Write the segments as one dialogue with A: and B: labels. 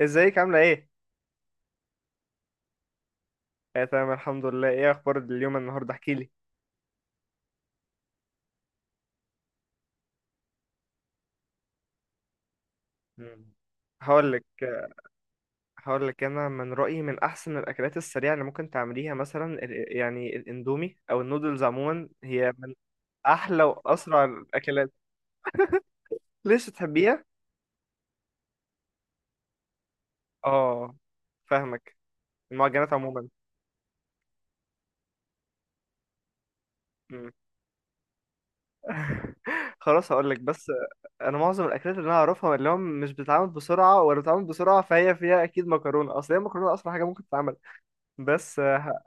A: ازيك عاملة ايه؟ آه، تمام الحمد لله. ايه اخبار اليوم النهاردة؟ احكي لي. مم. هقول لك هقول لك. انا من رأيي من احسن الاكلات السريعة اللي ممكن تعمليها، مثلا يعني الاندومي او النودلز عموما، هي من احلى واسرع الاكلات. ليش تحبيها؟ اه، فاهمك. المعجنات عموما. مم. خلاص هقول لك بس. انا معظم الاكلات اللي انا اعرفها اللي هو مش بتتعمل بسرعة ولا بتتعمل بسرعة، فهي فيها اكيد مكرونة. اصل هي المكرونة اسرع حاجة ممكن تتعمل. بس آه،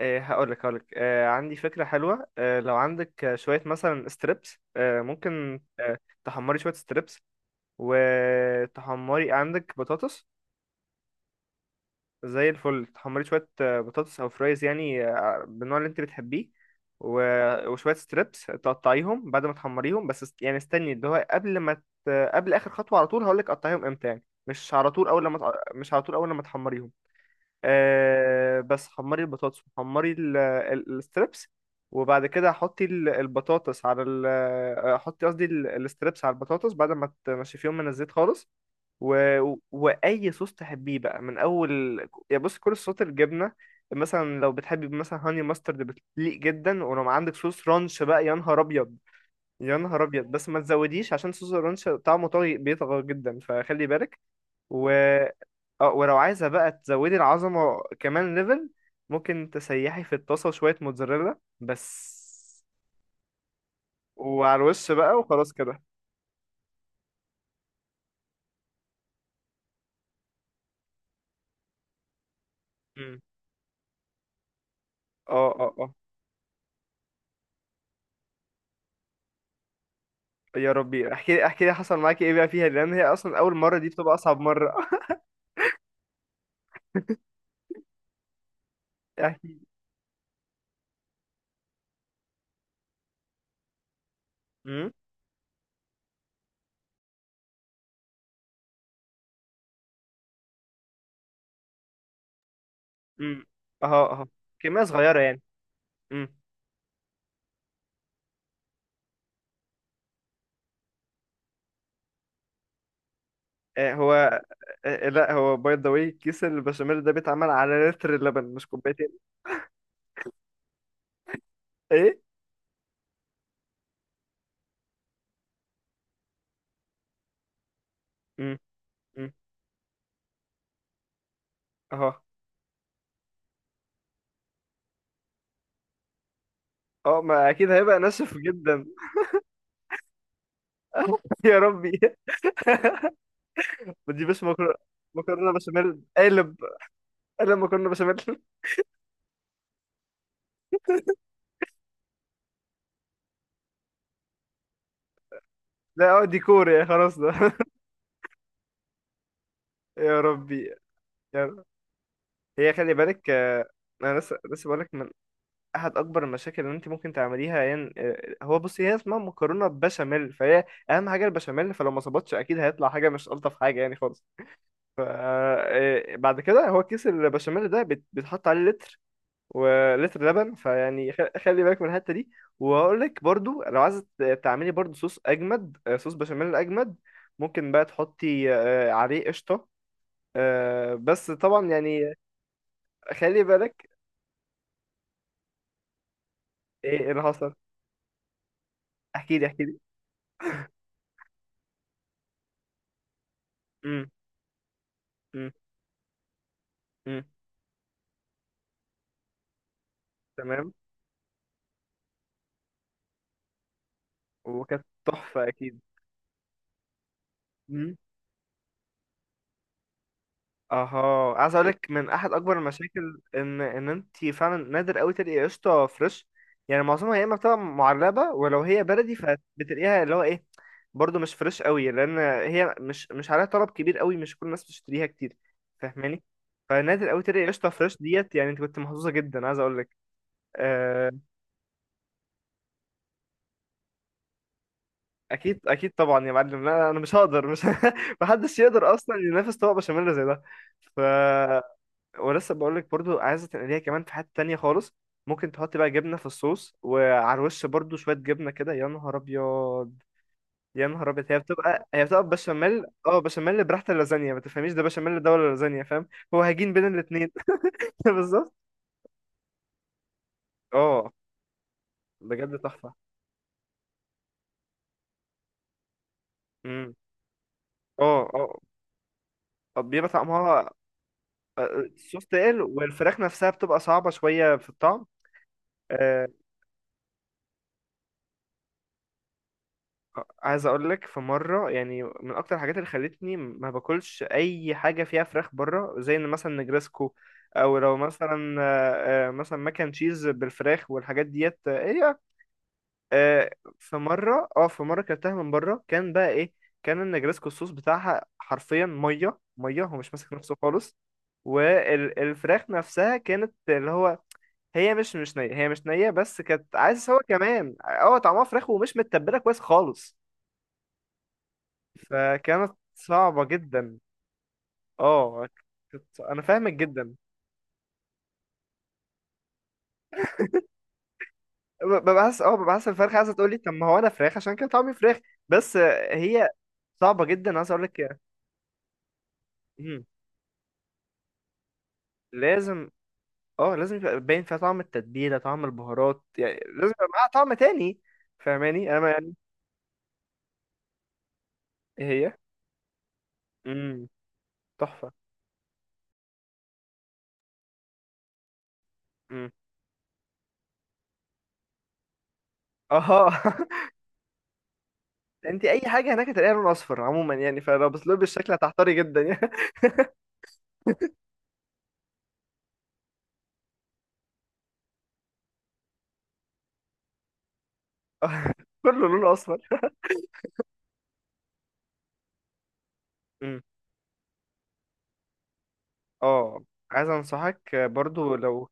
A: إيه، هقولك، عندي فكرة حلوة. لو عندك شوية مثلا ستريبس، ممكن. تحمري شوية ستريبس، وتحمري عندك بطاطس زي الفل. تحمري شوية بطاطس أو فرايز، يعني بالنوع اللي انت بتحبيه. وشوية ستريبس تقطعيهم بعد ما تحمريهم، بس يعني استني اللي هو قبل ما قبل آخر خطوة على طول هقولك قطعيهم امتى. يعني مش على طول أول لما تق- مش على طول أول لما تحمريهم. بس حمري البطاطس، وحمري الستريبس. وبعد كده حطي البطاطس على ال آه، حطي قصدي الستريبس على البطاطس بعد ما تنشفيهم من الزيت خالص. و... واي صوص تحبيه بقى من اول. يا بص، كل صوصات الجبنه. مثلا لو بتحبي، مثلا هاني ماسترد بتليق جدا. ولو عندك صوص رانش بقى، يا نهار ابيض يا نهار ابيض. بس ما تزوديش، عشان صوص الرانش طعمه طاغي بيطغى جدا، فخلي بالك. و اه ولو عايزة بقى تزودي العظمة كمان ليفل، ممكن تسيحي في الطاسة شوية موتزاريلا بس، وعلى الوش بقى. وخلاص كده. مم. اه، اه، اه. يا ربي، احكي لي احكي لي حصل معاكي ايه بقى فيها، لان هي اصلا اول مرة دي بتبقى اصعب مرة. احكي. امم امم. اه، اه. كمية صغيرة يعني. امم. هو. آه، لا، هو باي ذا واي كيس البشاميل ده بيتعمل على لتر اللبن، مش كوبايتين. ايه. امم. امم. اه، اه، ما اكيد هيبقى ناشف جدا. يا ربي. ما تجيبش مكرونه. مكرونه بشاميل قالب. قالب مكرونه بشاميل. لا، اه، ديكور يعني، خلاص ده. يا ربي. يا رب. هي خلي بالك. انا لسه لسه بقولك من احد اكبر المشاكل اللي انت ممكن تعمليها، يعني هو بصي، هي اسمها مكرونه بشاميل، فهي اهم حاجه البشاميل. فلو ما ظبطش اكيد هيطلع حاجه مش الطف حاجه يعني خالص. ف آه، بعد كده هو كيس البشاميل ده بيتحط عليه لتر، ولتر لبن. فيعني خلي بالك من الحته دي. وهقول لك برضو، لو عايزه تعملي برضو صوص اجمد، صوص بشاميل اجمد، ممكن بقى تحطي عليه قشطه. بس طبعا يعني خلي بالك. ايه اللي حصل؟ احكي لي احكي لي. امم. امم. امم. تمام. وكانت تحفه اكيد. امم. اها، عايز اقول لك من احد اكبر المشاكل ان انت فعلا نادر قوي تلاقي قشطه فريش. يعني معظمها يا اما بتبقى معلبه، ولو هي بلدي فبتلاقيها اللي هو ايه، برضو مش فريش قوي، لان هي مش عليها طلب كبير قوي. مش كل الناس بتشتريها كتير، فاهماني. فنادر قوي تلاقي قشطه فريش ديت، يعني انت كنت محظوظه جدا، عايز اقول لك. آه، اكيد اكيد طبعا يا معلم. لا، انا مش هقدر، مش. محدش يقدر اصلا ينافس طبق بشاميل زي ده. ف ولسه بقول لك برضو عايزه تنقليها كمان في حته تانية خالص. ممكن تحط بقى جبنه في الصوص، وعلى الوش برضو شويه جبنه كده، يا نهار ابيض يا نهار ابيض. هي بتبقى بشاميل، بشاميل براحه اللازانيا. ما تفهميش ده بشاميل ده ولا لازانيا، فاهم. هو هجين بين الاتنين. بالظبط. اه، بجد تحفه. امم. اه، اه. طب بيبقى طعمها، آه، الصوص تقل، والفراخ نفسها بتبقى صعبه شويه في الطعم. آه، عايز اقول لك، في مره يعني من اكتر الحاجات اللي خلتني ما باكلش اي حاجه فيها فراخ بره، زي ان مثلا نجرسكو، او لو مثلا مثلا ماكن تشيز بالفراخ والحاجات ديت، ايه. آه، في مره، كلتها من بره، كان بقى ايه؟ كان النجرسكو الصوص بتاعها حرفيا ميه ميه، هو مش ماسك نفسه خالص. والفراخ نفسها كانت اللي هو، هي مش نية. هي مش نية، بس كانت عايز هو كمان طعمها فراخ ومش متبلة كويس خالص. فكانت صعبة جدا. اه. كنت انا فاهمك جدا. ببقى حاسس، الفرخة عايزة تقولي طب ما هو انا فراخ، عشان كده طعمي فراخ. بس آه، هي صعبة جدا، عايز اقول لك. مم. لازم. اه، لازم يبقى باين فيها طعم التتبيلة، طعم البهارات، يعني لازم يبقى معاها طعم تاني. فاهماني انا يعني. إيه هي. امم. تحفة. امم. اه. انت اي حاجة هناك هتلاقيها لون اصفر عموما، يعني فلو بس لون بالشكل هتحتاري جدا يعني. كله لون اصفر. اه، عايز انصحك برضو لو.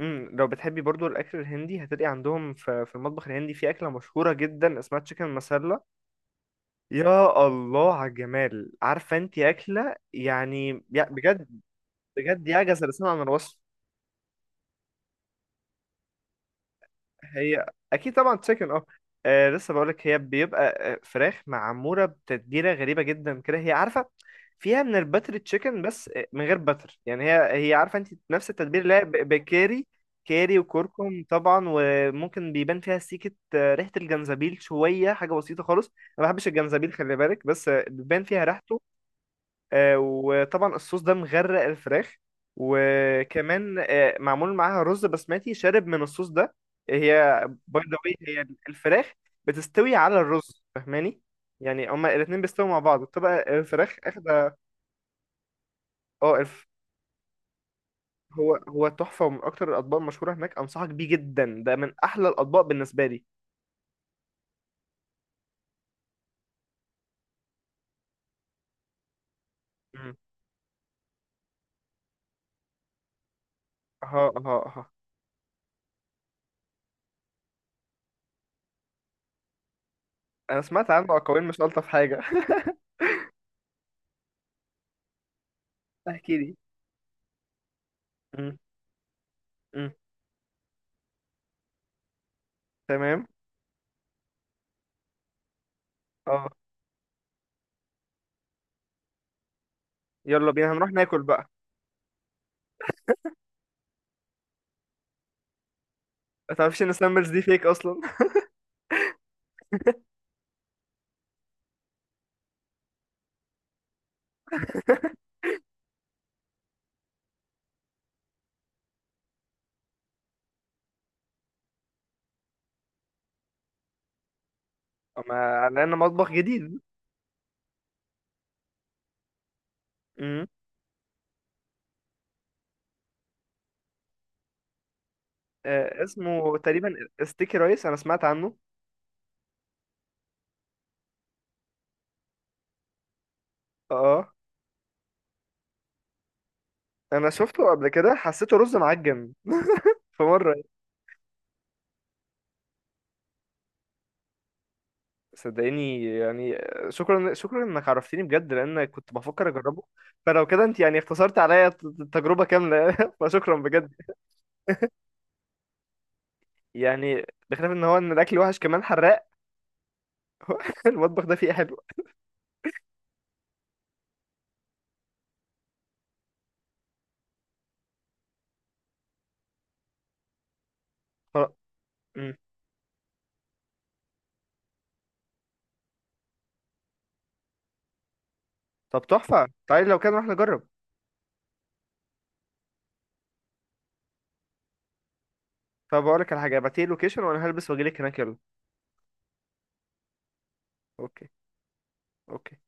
A: مم. لو بتحبي برضو الاكل الهندي، هتلاقي عندهم في المطبخ الهندي، في اكله مشهوره جدا اسمها تشيكن مسالة. يا الله على الجمال، عارفه انت اكله يعني، بجد. بجد يعجز اللسان عن الوصف. هي اكيد طبعا تشيكن. اه لسه بقولك هي بيبقى فراخ معموره بتتبيله غريبه جدا كده، هي عارفه، فيها من الباتر تشيكن، بس من غير باتر يعني. هي عارفه انت نفس التتبيله اللي هي بكاري، كاري وكركم طبعا، وممكن بيبان فيها سيكه، ريحه الجنزبيل، شويه حاجه بسيطه خالص. انا ما بحبش الجنزبيل خلي بالك، بس بيبان فيها ريحته. وطبعا الصوص ده مغرق الفراخ. وكمان معمول معاها رز بسمتي شارب من الصوص ده. هي، باي ذا واي، هي الفراخ بتستوي على الرز، فاهماني. يعني هما الاتنين بيستووا مع بعض، بتبقى الفراخ اخدة. اه، هو تحفة، ومن أكتر الأطباق المشهورة هناك. أنصحك بيه جدا، ده من أحلى الأطباق بالنسبة لي. مم. أها، أها، أها. أنا سمعت عنه أقاويل مش ألطف حاجة. احكي لي. مم. مم. تمام. اه، يلا بينا هنروح ناكل بقى. ما تعرفش ان سامرز دي فيك اصلا. اما على انه مطبخ جديد. امم. اسمه تقريبا ستيكي رايس، انا سمعت عنه. اه، انا شفته قبل كده، حسيته رز معجن. في مره. صدقيني يعني، شكرا شكرا انك عرفتني بجد، لان كنت بفكر اجربه. فلو كده انت يعني اختصرت عليا التجربه كامله. فشكرا بجد. يعني بخلاف ان الاكل وحش كمان حراق. المطبخ ده فيه إيه حلو. ف- مم. طب تحفه، تعالي لو كده نروح نجرب. طب اقول لك على حاجه، ابعتيلي لوكيشن وانا هلبس واجيلك هناك، يلا. اوكي. اوكي.